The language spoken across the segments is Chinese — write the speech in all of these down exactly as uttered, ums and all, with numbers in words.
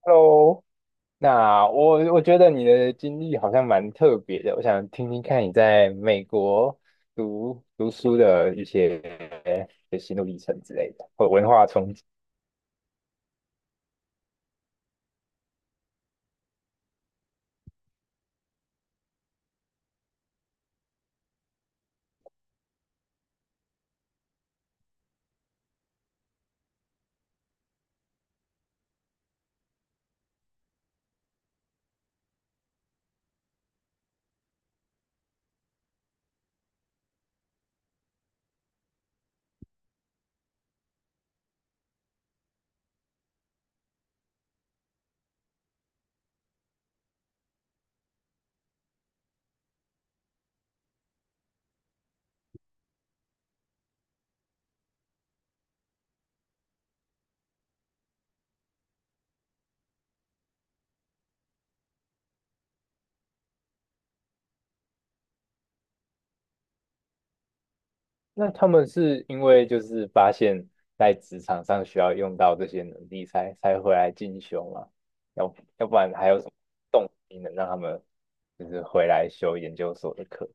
Hello。那我我觉得你的经历好像蛮特别的，我想听听看你在美国读读书的一些的心路历程之类的，或文化冲击。那他们是因为就是发现在职场上需要用到这些能力才才回来进修吗？要要不然还有什么动机能让他们就是回来修研究所的课？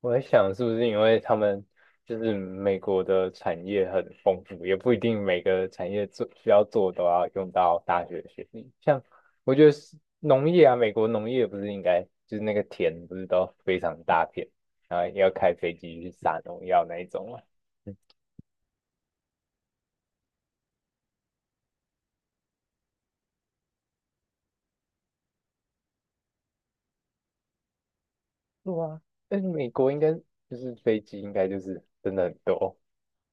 我在想，是不是因为他们就是美国的产业很丰富，也不一定每个产业做需要做都要用到大学学历。像我觉得是农业啊，美国农业不是应该就是那个田不是都非常大片，然后要开飞机去撒农药那一种嘛。嗯，对啊，但是美国应该就是飞机应该就是真的很多，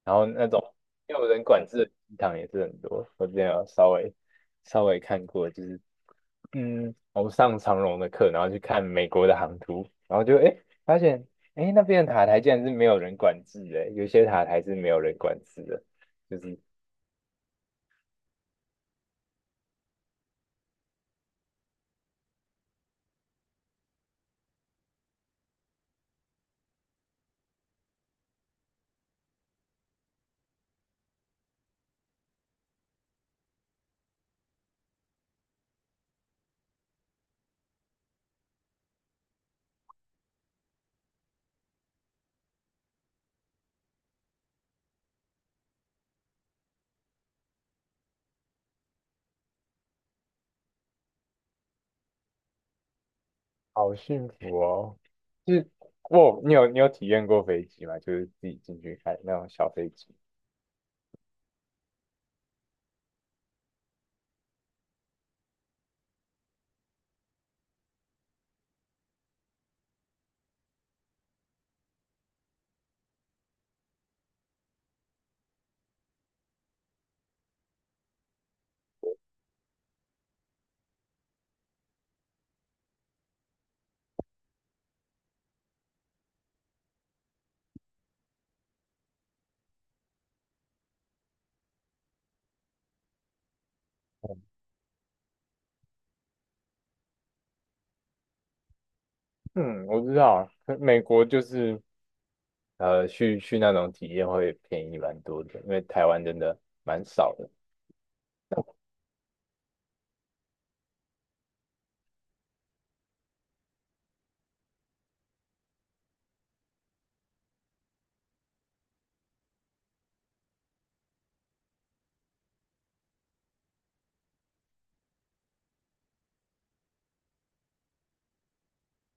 然后那种没有人管制的机场也是很多。我之前有稍微稍微看过，就是嗯，我上长荣的课，然后去看美国的航图，然后就诶发现诶那边的塔台竟然是没有人管制的，有些塔台是没有人管制的，就是好幸福哦。就是哇，你有你有体验过飞机吗？就是自己进去看那种小飞机。嗯，我知道，可美国就是呃去去那种体验会便宜蛮多的，因为台湾真的蛮少的。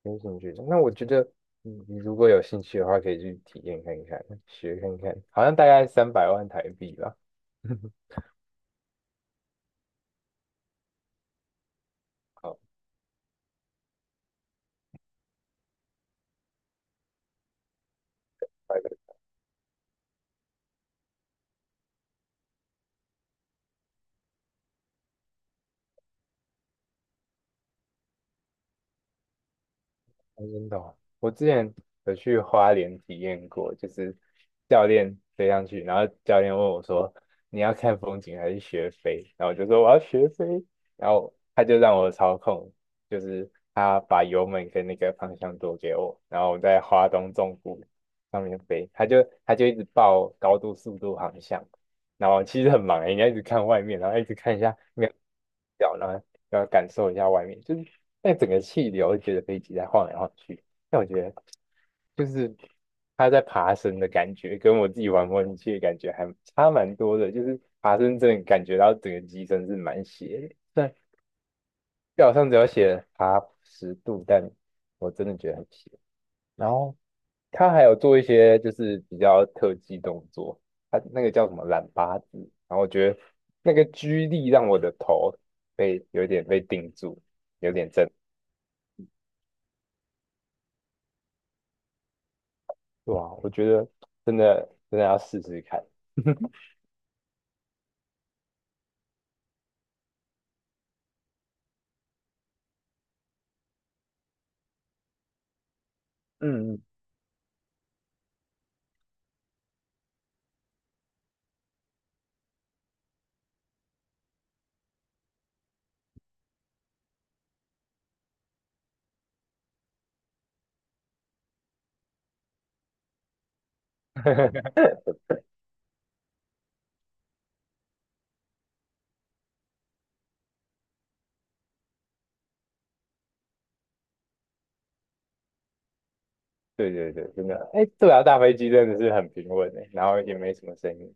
没兴趣。那我觉得你你如果有兴趣的话，可以去体验看看，学看看，好像大概三百万台币吧。好，拜拜。哦真的哦，我之前有去花莲体验过，就是教练飞上去，然后教练问我说：“你要看风景还是学飞？”然后我就说：“我要学飞。”然后他就让我操控，就是他把油门跟那个方向舵给我，然后我在花东纵谷上面飞，他就他就一直报高度、速度、航向，然后其实很忙欸，你要一直看外面，然后一直看一下表呢。要感受一下外面，就是那整个气流，觉得飞机在晃来晃去。但我觉得就是它在爬升的感觉，跟我自己玩模拟器的感觉还差蛮多的。就是爬升真的感觉到整个机身是蛮斜的，虽然表上只有写爬十度，但我真的觉得很斜。然后它还有做一些就是比较特技动作，它那个叫什么懒八字，然后我觉得那个居力让我的头被有点被定住。有点震哇，我觉得真的真的要试试看。嗯嗯。对对对，真的，哎，对啊，大飞机真的是很平稳诶，然后也没什么声音，应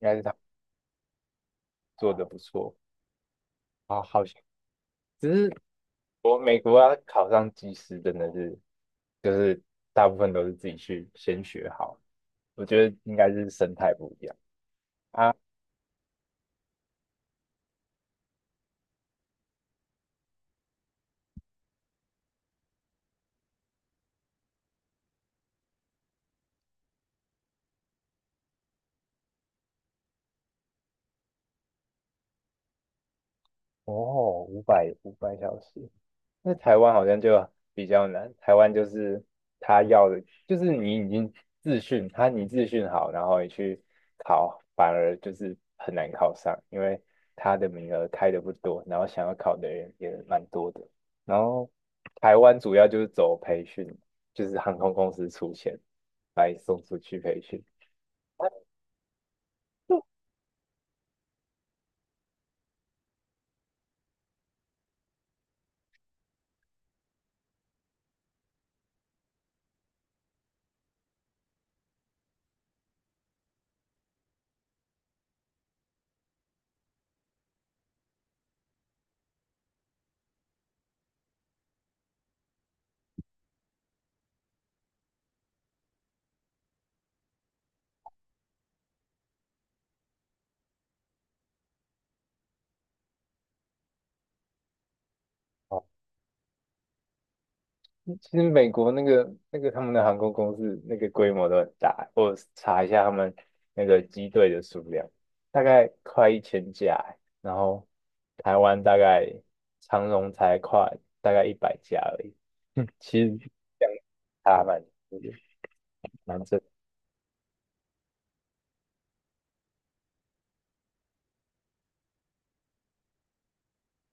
该是他们做的不错。啊，好像只是我美国要考上机师，真的是就是大部分都是自己去先学好，我觉得应该是生态不一样啊。哦，五百五百小时，那台湾好像就比较难，台湾就是他要的，就是你已经自训，他你自训好，然后你去考，反而就是很难考上，因为他的名额开的不多，然后想要考的人也蛮多的。然后台湾主要就是走培训，就是航空公司出钱来送出去培训。其实美国那个那个他们的航空公司那个规模都很大，我查一下他们那个机队的数量，大概快一千架欸然后台湾大概长荣才快大概一百架而已，嗯，其实相差蛮蛮正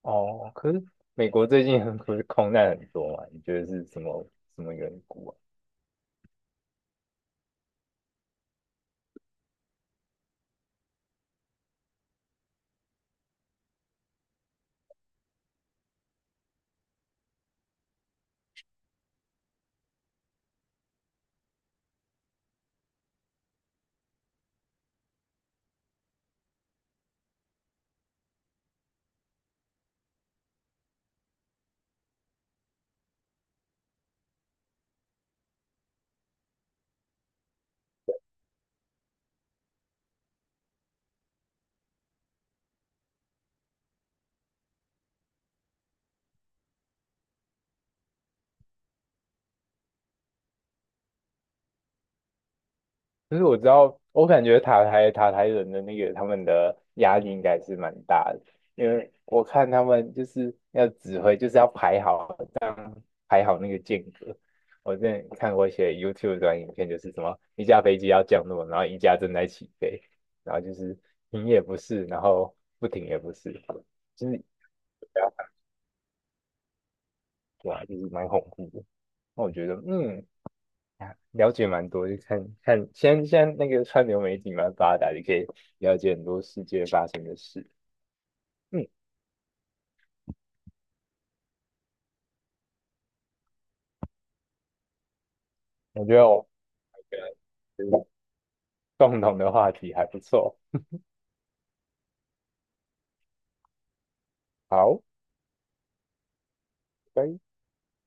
哦。可是美国最近很不是空难很多嘛？你觉得是什么什么缘故啊？就是我知道，我感觉塔台塔台人的那个他们的压力应该是蛮大的，因为我看他们就是要指挥，就是要排好，这样排好那个间隔。我之前看过一些 YouTube 短影片，就是什么一架飞机要降落，然后一架正在起飞，然后就是停也不是，然后不停也不是，就是对啊，就是蛮恐怖的。那我觉得，嗯，啊了解蛮多，就看看现在现在那个川流媒体蛮发达，你可以了解很多世界发生的事。嗯，我觉得我们这个共同的话题还不错。好，拜。